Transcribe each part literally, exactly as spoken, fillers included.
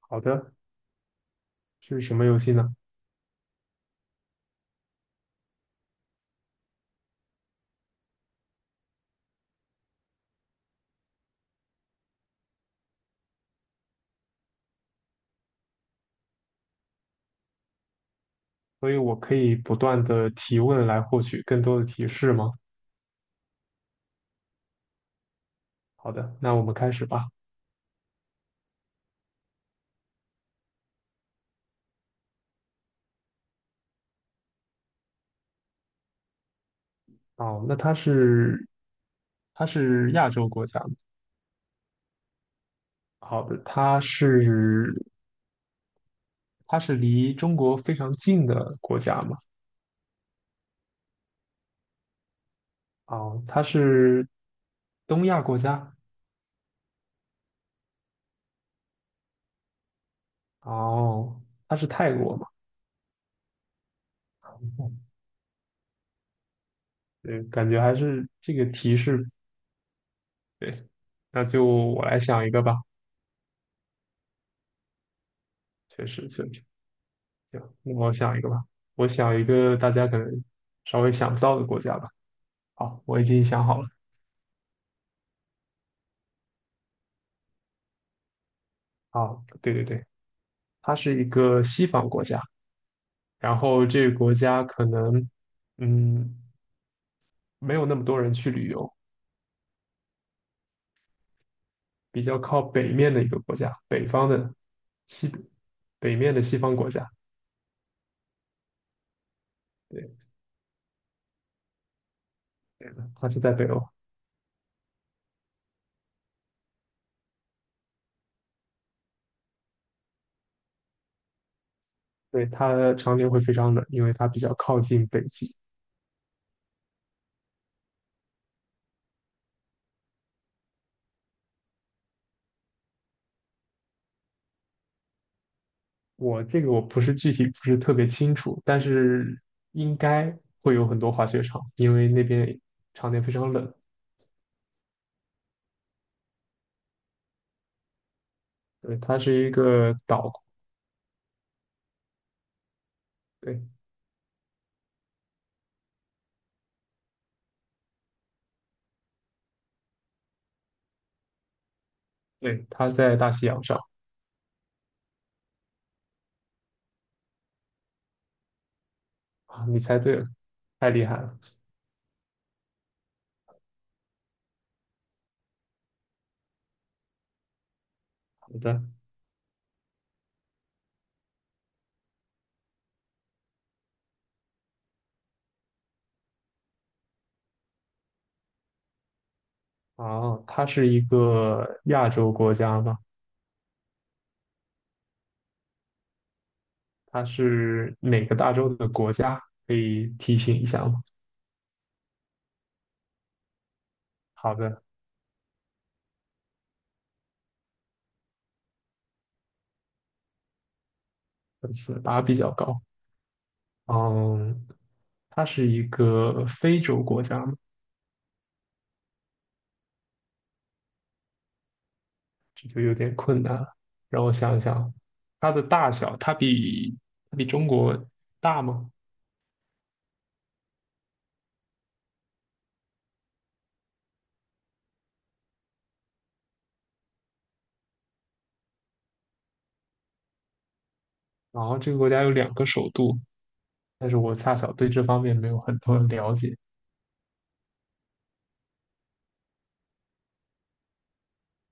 好的，是什么游戏呢？所以我可以不断的提问来获取更多的提示吗？好的，那我们开始吧。哦，那它是它是亚洲国家吗？好的，它是它是离中国非常近的国家吗？哦，它是东亚国家。哦，它是泰国吗？对，感觉还是这个提示对。那就我来想一个吧，确实确实。行，那么我想一个吧，我想一个大家可能稍微想不到的国家吧。好，我已经想好了。好，对对对，它是一个西方国家，然后这个国家可能，嗯，没有那么多人去旅游，比较靠北面的一个国家，北方的西，北面的西方国家。对，对的，它是在北欧，对，它常年会非常冷，因为它比较靠近北极。我这个我不是具体不是特别清楚，但是应该会有很多滑雪场，因为那边常年非常冷。对，它是一个岛，对。对，它在大西洋上。啊，你猜对了，太厉害了。好的。哦，它是一个亚洲国家吗？它是哪个大洲的国家？可以提醒一下吗？好的，分次拔比较高。嗯，它是一个非洲国家吗？这就有点困难了。让我想一想，它的大小，它比它比中国大吗？然后这个国家有两个首都，但是我恰巧对这方面没有很多的了解。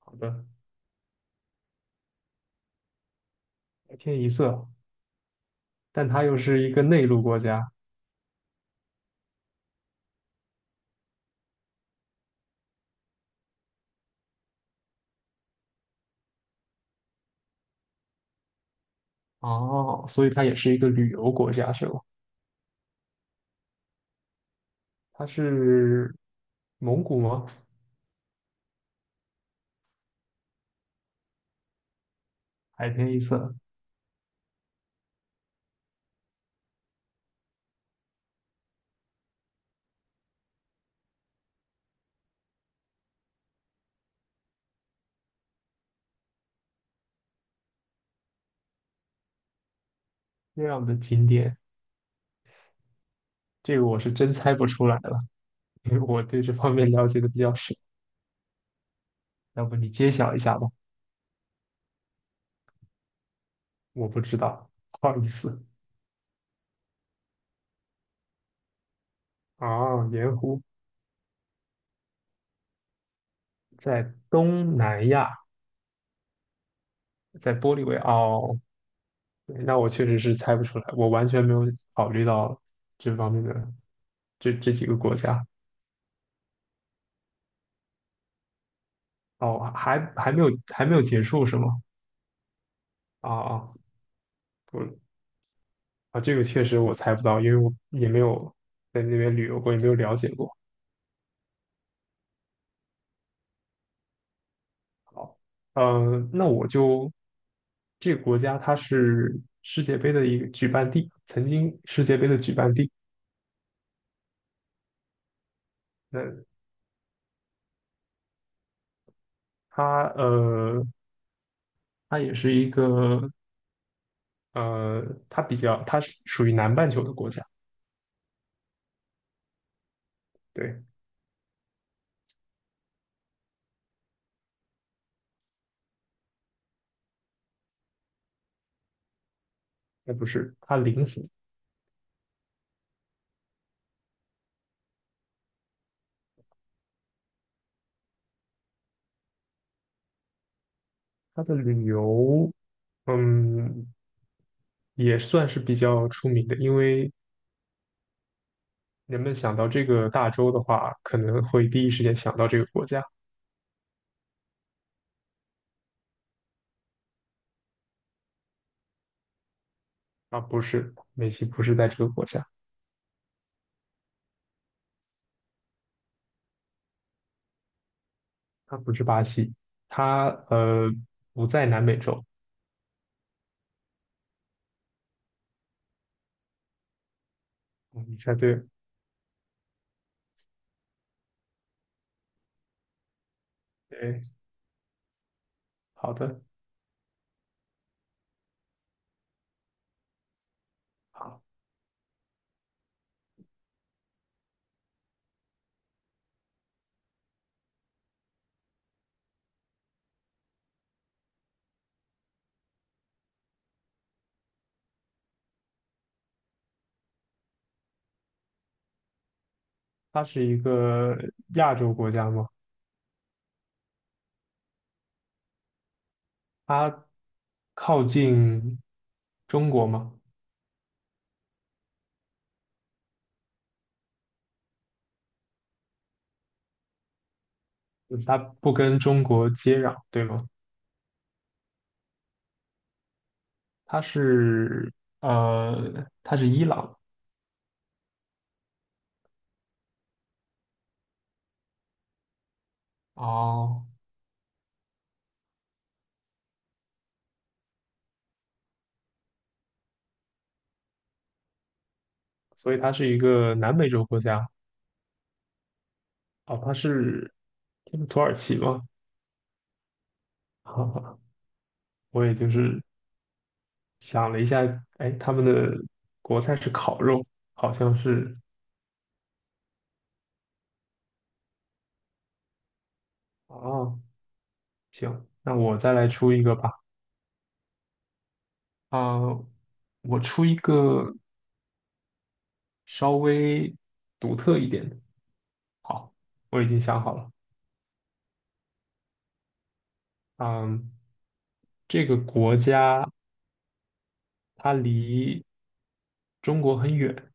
好的。白天一色，但它又是一个内陆国家。哦，所以它也是一个旅游国家是吗？它是蒙古吗？海天一色这样的景点，这个我是真猜不出来了，因为我对这方面了解的比较少。要不你揭晓一下吧？我不知道，不好意思。啊，盐湖在东南亚，在玻利维亚。哦，对那我确实是猜不出来，我完全没有考虑到这方面的这这几个国家。哦，还还没有还没有结束是吗？啊啊，不啊，这个确实我猜不到，因为我也没有在那边旅游过，也没有了解过。好，嗯、那我就这个国家它是世界杯的一个举办地，曾经世界杯的举办地。那它呃，它也是一个呃，它比较，它是属于南半球的国家，对，那不是，它邻国，它的旅游，嗯，也算是比较出名的，因为人们想到这个大洲的话，可能会第一时间想到这个国家。啊，不是，美西不是在这个国家，它不是巴西，它呃不在南美洲，嗯你猜对了，对，好的。好，它是一个亚洲国家吗？它靠近中国吗？嗯它不跟中国接壤，对吗？它是呃，它是伊朗。哦，所以它是一个南美洲国家。哦，它是它是土耳其吗？哈哈，我也就是想了一下，哎，他们的国菜是烤肉，好像是哦。行，那我再来出一个吧。啊、我出一个稍微独特一点的。好，我已经想好了。嗯，这个国家它离中国很远，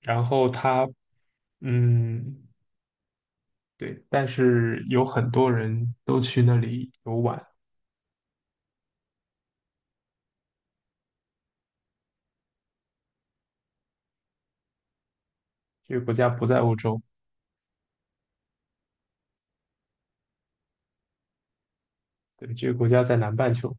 然后它，嗯，对，但是有很多人都去那里游玩。这个国家不在欧洲。对，这个国家在南半球。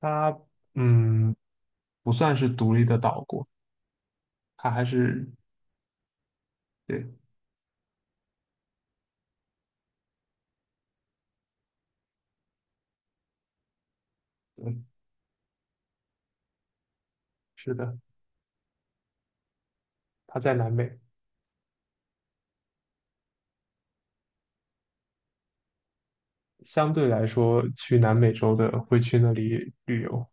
它，嗯，不算是独立的岛国，它还是，对，嗯，是的，它在南美。相对来说，去南美洲的会去那里旅游。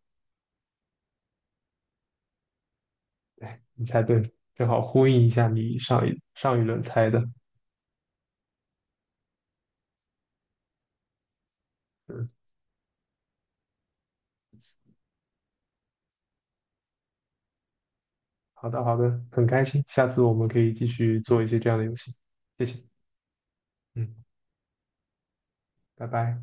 你猜对，正好呼应一下你上一上一轮猜的。嗯，好的好的，很开心，下次我们可以继续做一些这样的游戏。谢谢，嗯，拜拜。